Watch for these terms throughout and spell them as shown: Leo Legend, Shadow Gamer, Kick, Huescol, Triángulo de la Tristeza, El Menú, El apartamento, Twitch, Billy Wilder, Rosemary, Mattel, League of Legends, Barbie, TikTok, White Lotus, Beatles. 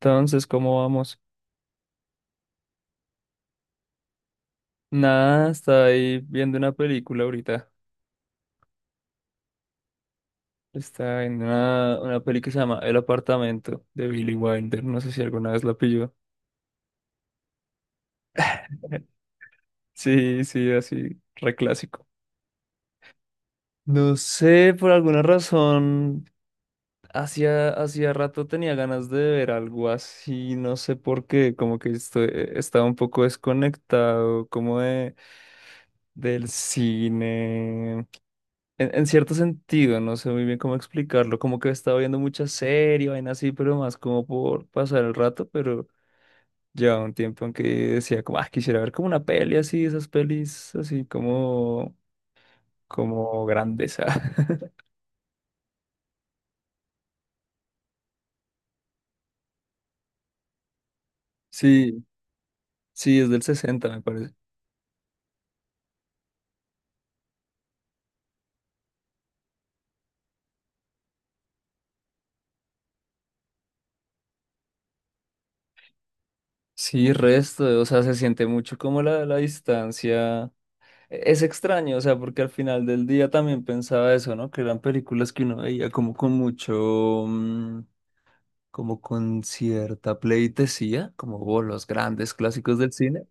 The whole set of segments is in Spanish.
Entonces, ¿cómo vamos? Nada, está ahí viendo una película ahorita. Está viendo una peli que se llama El apartamento de Billy Wilder. No sé si alguna vez la pilló. Sí, sí, así, reclásico. No sé, por alguna razón, hacía rato tenía ganas de ver algo así, no sé por qué, como que estaba un poco desconectado, como de, del cine. En cierto sentido, no sé muy bien cómo explicarlo, como que he estado viendo mucha serie, vaina así, pero más como por pasar el rato, pero llevaba un tiempo en que decía como, ah, quisiera ver como una peli así, esas pelis así como, como grandeza. Sí, sí, es del 60, me parece. Sí, resto, o sea, se siente mucho como la distancia. Es extraño, o sea, porque al final del día también pensaba eso, ¿no? Que eran películas que uno veía como con mucho, como con cierta pleitesía, como "Oh, los grandes clásicos del cine".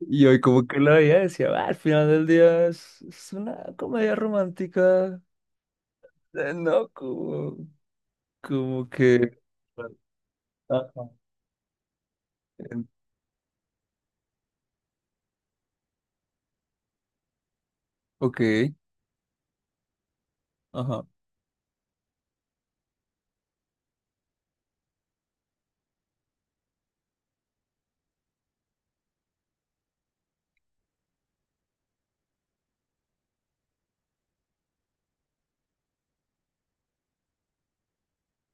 Y hoy como que la veía y decía, "Ah, al final del día es una comedia romántica, ¿no? Como, como que... Ajá. en- Ok, ajá.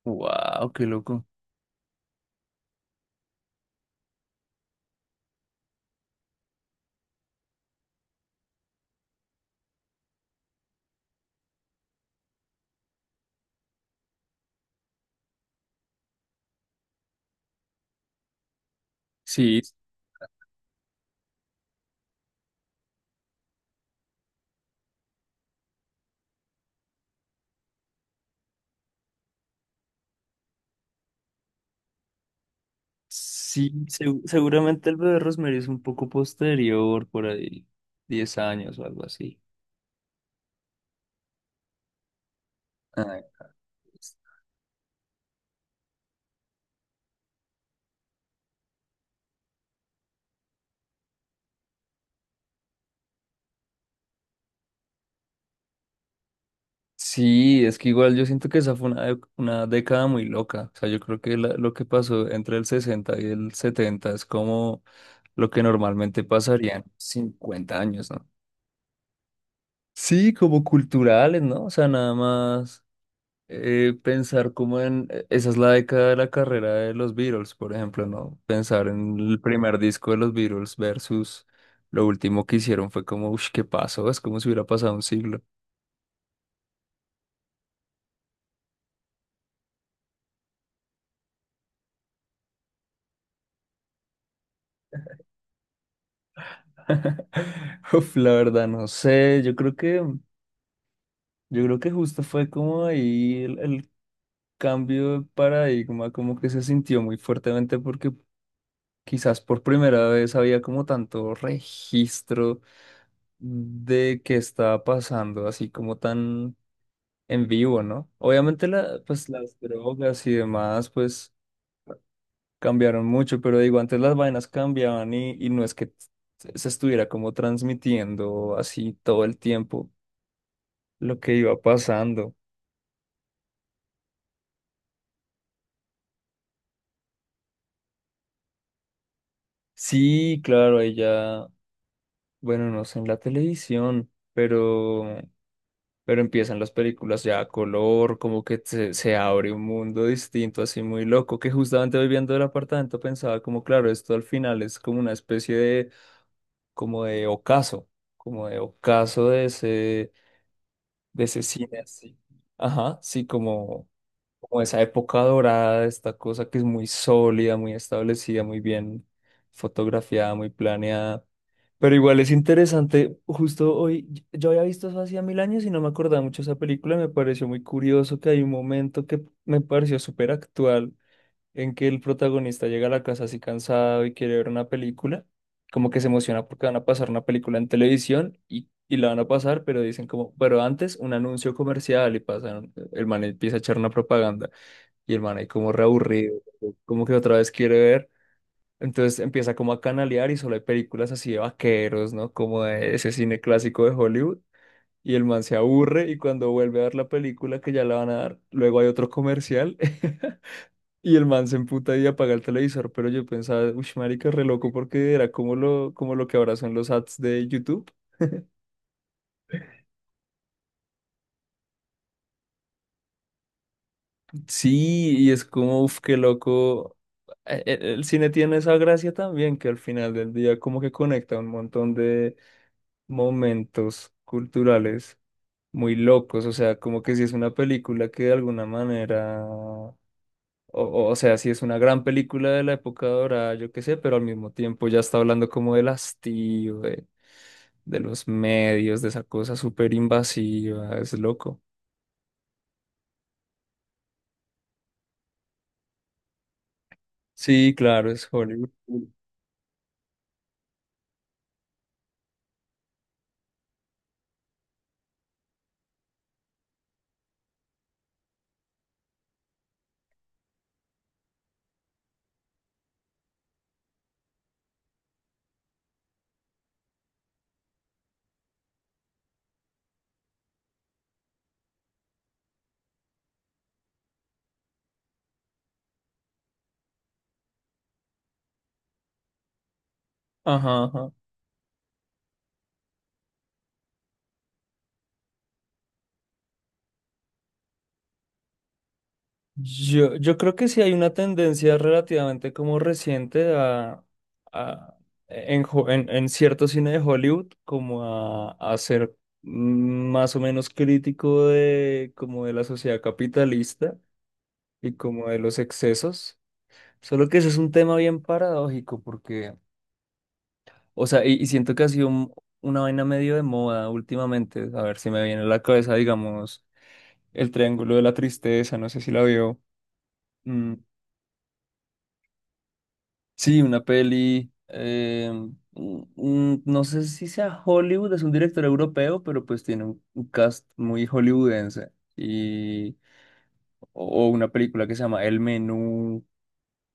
Wow, qué loco. Sí, sí, seguramente el bebé Rosemary es un poco posterior, por ahí, 10 años o algo así. Ah, sí, es que igual yo siento que esa fue una década muy loca. O sea, yo creo que lo que pasó entre el 60 y el 70 es como lo que normalmente pasaría en 50 años, ¿no? Sí, como culturales, ¿no? O sea, nada más pensar como en... esa es la década de la carrera de los Beatles, por ejemplo, ¿no? Pensar en el primer disco de los Beatles versus lo último que hicieron fue como, ¿qué pasó? Es como si hubiera pasado un siglo. Uf, la verdad, no sé. Yo creo que justo fue como ahí el cambio de paradigma, como que se sintió muy fuertemente porque quizás por primera vez había como tanto registro de qué estaba pasando, así como tan en vivo, ¿no? Obviamente la, pues las drogas y demás, pues cambiaron mucho, pero digo, antes las vainas cambiaban y no es que se estuviera como transmitiendo así todo el tiempo lo que iba pasando. Sí, claro, ahí ya, bueno, no sé en la televisión, pero empiezan las películas ya a color, como que se abre un mundo distinto, así muy loco, que justamente hoy viendo el apartamento pensaba como, claro, esto al final es como una especie de, como de ocaso, como de ocaso de ese cine así. Ajá, sí, como como esa época dorada, esta cosa que es muy sólida, muy establecida, muy bien fotografiada, muy planeada. Pero igual es interesante, justo hoy, yo había visto eso hacía mil años y no me acordaba mucho de esa película, me pareció muy curioso que hay un momento que me pareció súper actual, en que el protagonista llega a la casa así cansado y quiere ver una película, como que se emociona porque van a pasar una película en televisión y la van a pasar, pero dicen como, pero antes un anuncio comercial y pasan, el man empieza a echar una propaganda. Y el man ahí como reaburrido, como que otra vez quiere ver. Entonces empieza como a canalear y solo hay películas así de vaqueros, ¿no? Como de ese cine clásico de Hollywood. Y el man se aburre y cuando vuelve a ver la película que ya la van a dar, luego hay otro comercial y el man se emputa y apaga el televisor. Pero yo pensaba, uff, marica, re loco porque era como lo que ahora son los ads de YouTube. Sí, y es como, uff, qué loco. El cine tiene esa gracia también que al final del día como que conecta un montón de, momentos culturales muy locos, o sea, como que si es una película que de alguna manera, o, o sea, si es una gran película de la época dorada, yo qué sé, pero al mismo tiempo ya está hablando como del hastío, de los medios, de esa cosa súper invasiva, es loco. Sí, claro, es Hollywood. Ajá, ajá. Yo creo que sí hay una tendencia relativamente como reciente a, a- en, en cierto cine de Hollywood como a ser más o menos crítico de como de la sociedad capitalista y como de los excesos. Solo que ese es un tema bien paradójico porque, o sea, y siento que ha sido una vaina medio de moda últimamente. A ver si me viene a la cabeza, digamos, el Triángulo de la Tristeza, no sé si la vio. Mm, sí, una peli. No sé si sea Hollywood, es un director europeo, pero pues tiene un cast muy hollywoodense. Y, o una película que se llama El Menú,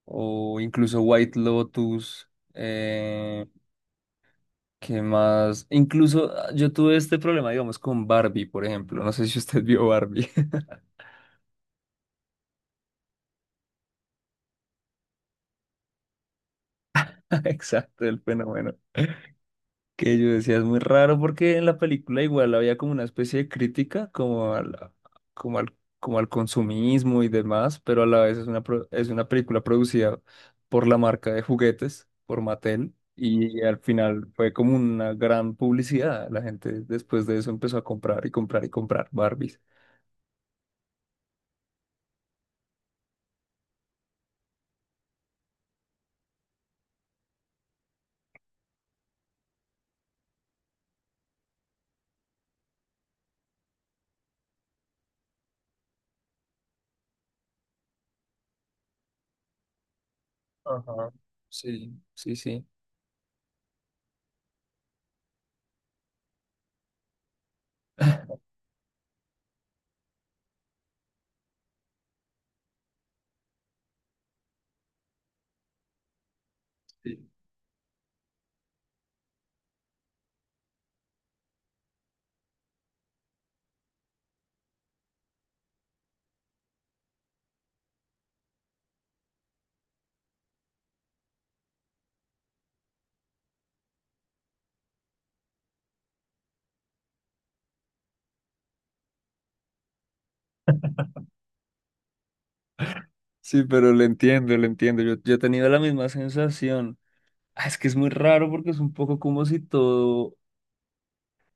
o incluso White Lotus. ¿Qué más? Incluso ah, yo tuve este problema, digamos, con Barbie, por ejemplo. No sé si usted vio Barbie. Exacto, el fenómeno. Que yo decía, es muy raro porque en la película igual había como una especie de crítica como al, como al, como al consumismo y demás, pero a la vez es una, es una película producida por la marca de juguetes, por Mattel, y al final fue como una gran publicidad. La gente después de eso empezó a comprar y comprar y comprar Barbies. Ajá, sí, sí, sí. Sí. Sí, pero lo entiendo, lo entiendo. Yo he tenido la misma sensación. Ah, es que es muy raro porque es un poco como si todo,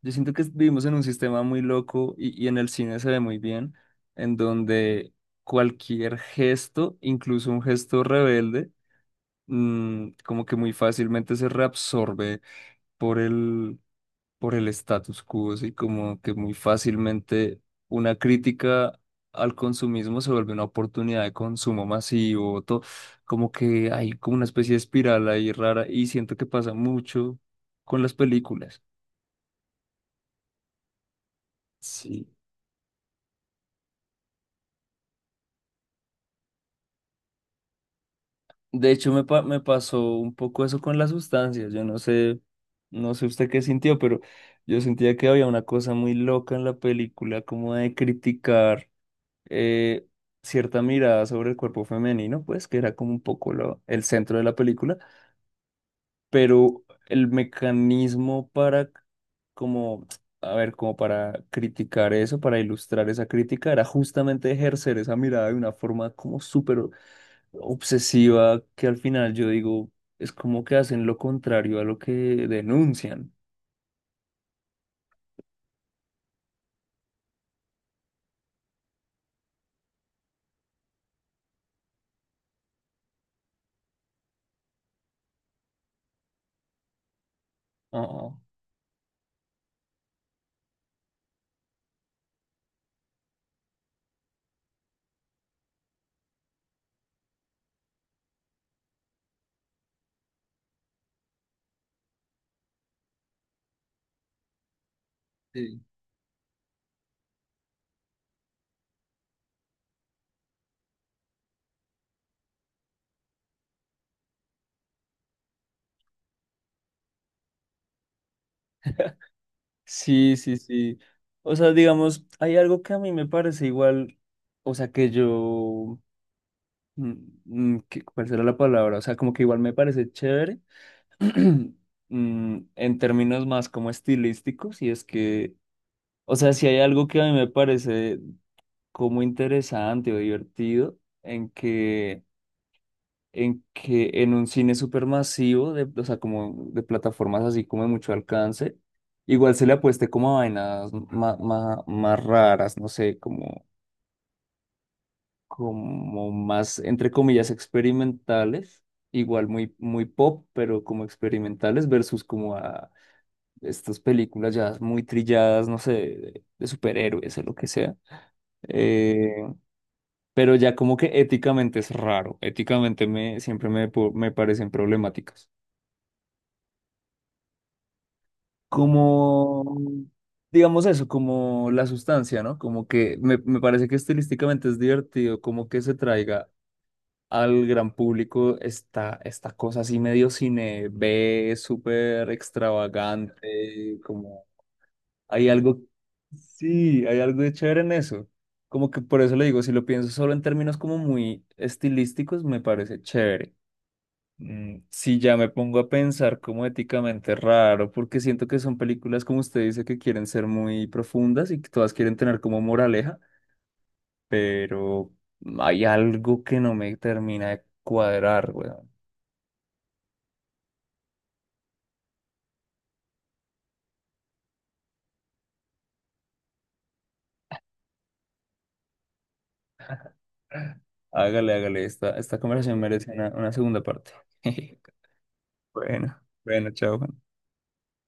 yo siento que vivimos en un sistema muy loco y en el cine se ve muy bien, en donde cualquier gesto, incluso un gesto rebelde, como que muy fácilmente se reabsorbe por el, por el status quo, y como que muy fácilmente una crítica al consumismo se vuelve una oportunidad de consumo masivo, como que hay como una especie de espiral ahí rara y siento que pasa mucho con las películas. Sí. De hecho, me pasó un poco eso con las sustancias. Yo no sé, no sé usted qué sintió, pero yo sentía que había una cosa muy loca en la película, como de criticar eh, cierta mirada sobre el cuerpo femenino, pues que era como un poco el centro de la película, pero el mecanismo para, como, a ver, como para criticar eso, para ilustrar esa crítica, era justamente ejercer esa mirada de una forma como súper obsesiva que al final yo digo, es como que hacen lo contrario a lo que denuncian. Ah, sí. Sí, sí, sí. O sea, digamos, hay algo que a mí me parece igual, o sea, que yo, mm, ¿cuál será la palabra? O sea, como que igual me parece chévere, en términos más como estilísticos, y es que, o sea, si hay algo que a mí me parece como interesante o divertido, en que en un cine supermasivo, de, o sea, como de plataformas así como de mucho alcance, igual se le apueste como a vainas más raras, no sé, como, como más, entre comillas, experimentales, igual muy, muy pop, pero como experimentales versus como a estas películas ya muy trilladas, no sé, de superhéroes o lo que sea. Eh, pero ya como que éticamente es raro, éticamente siempre me parecen problemáticas. Como, digamos eso, como la sustancia, ¿no? Como que me parece que estilísticamente es divertido, como que se traiga al gran público esta, esta cosa así medio cine B, súper extravagante, como hay algo, sí, hay algo de chévere en eso. Como que por eso le digo, si lo pienso solo en términos como muy estilísticos, me parece chévere. Sí, ya me pongo a pensar como éticamente raro, porque siento que son películas, como usted dice, que quieren ser muy profundas y que todas quieren tener como moraleja, pero hay algo que no me termina de cuadrar, weón. Hágale, hágale, esta conversación merece una segunda parte. Bueno, bueno, chao.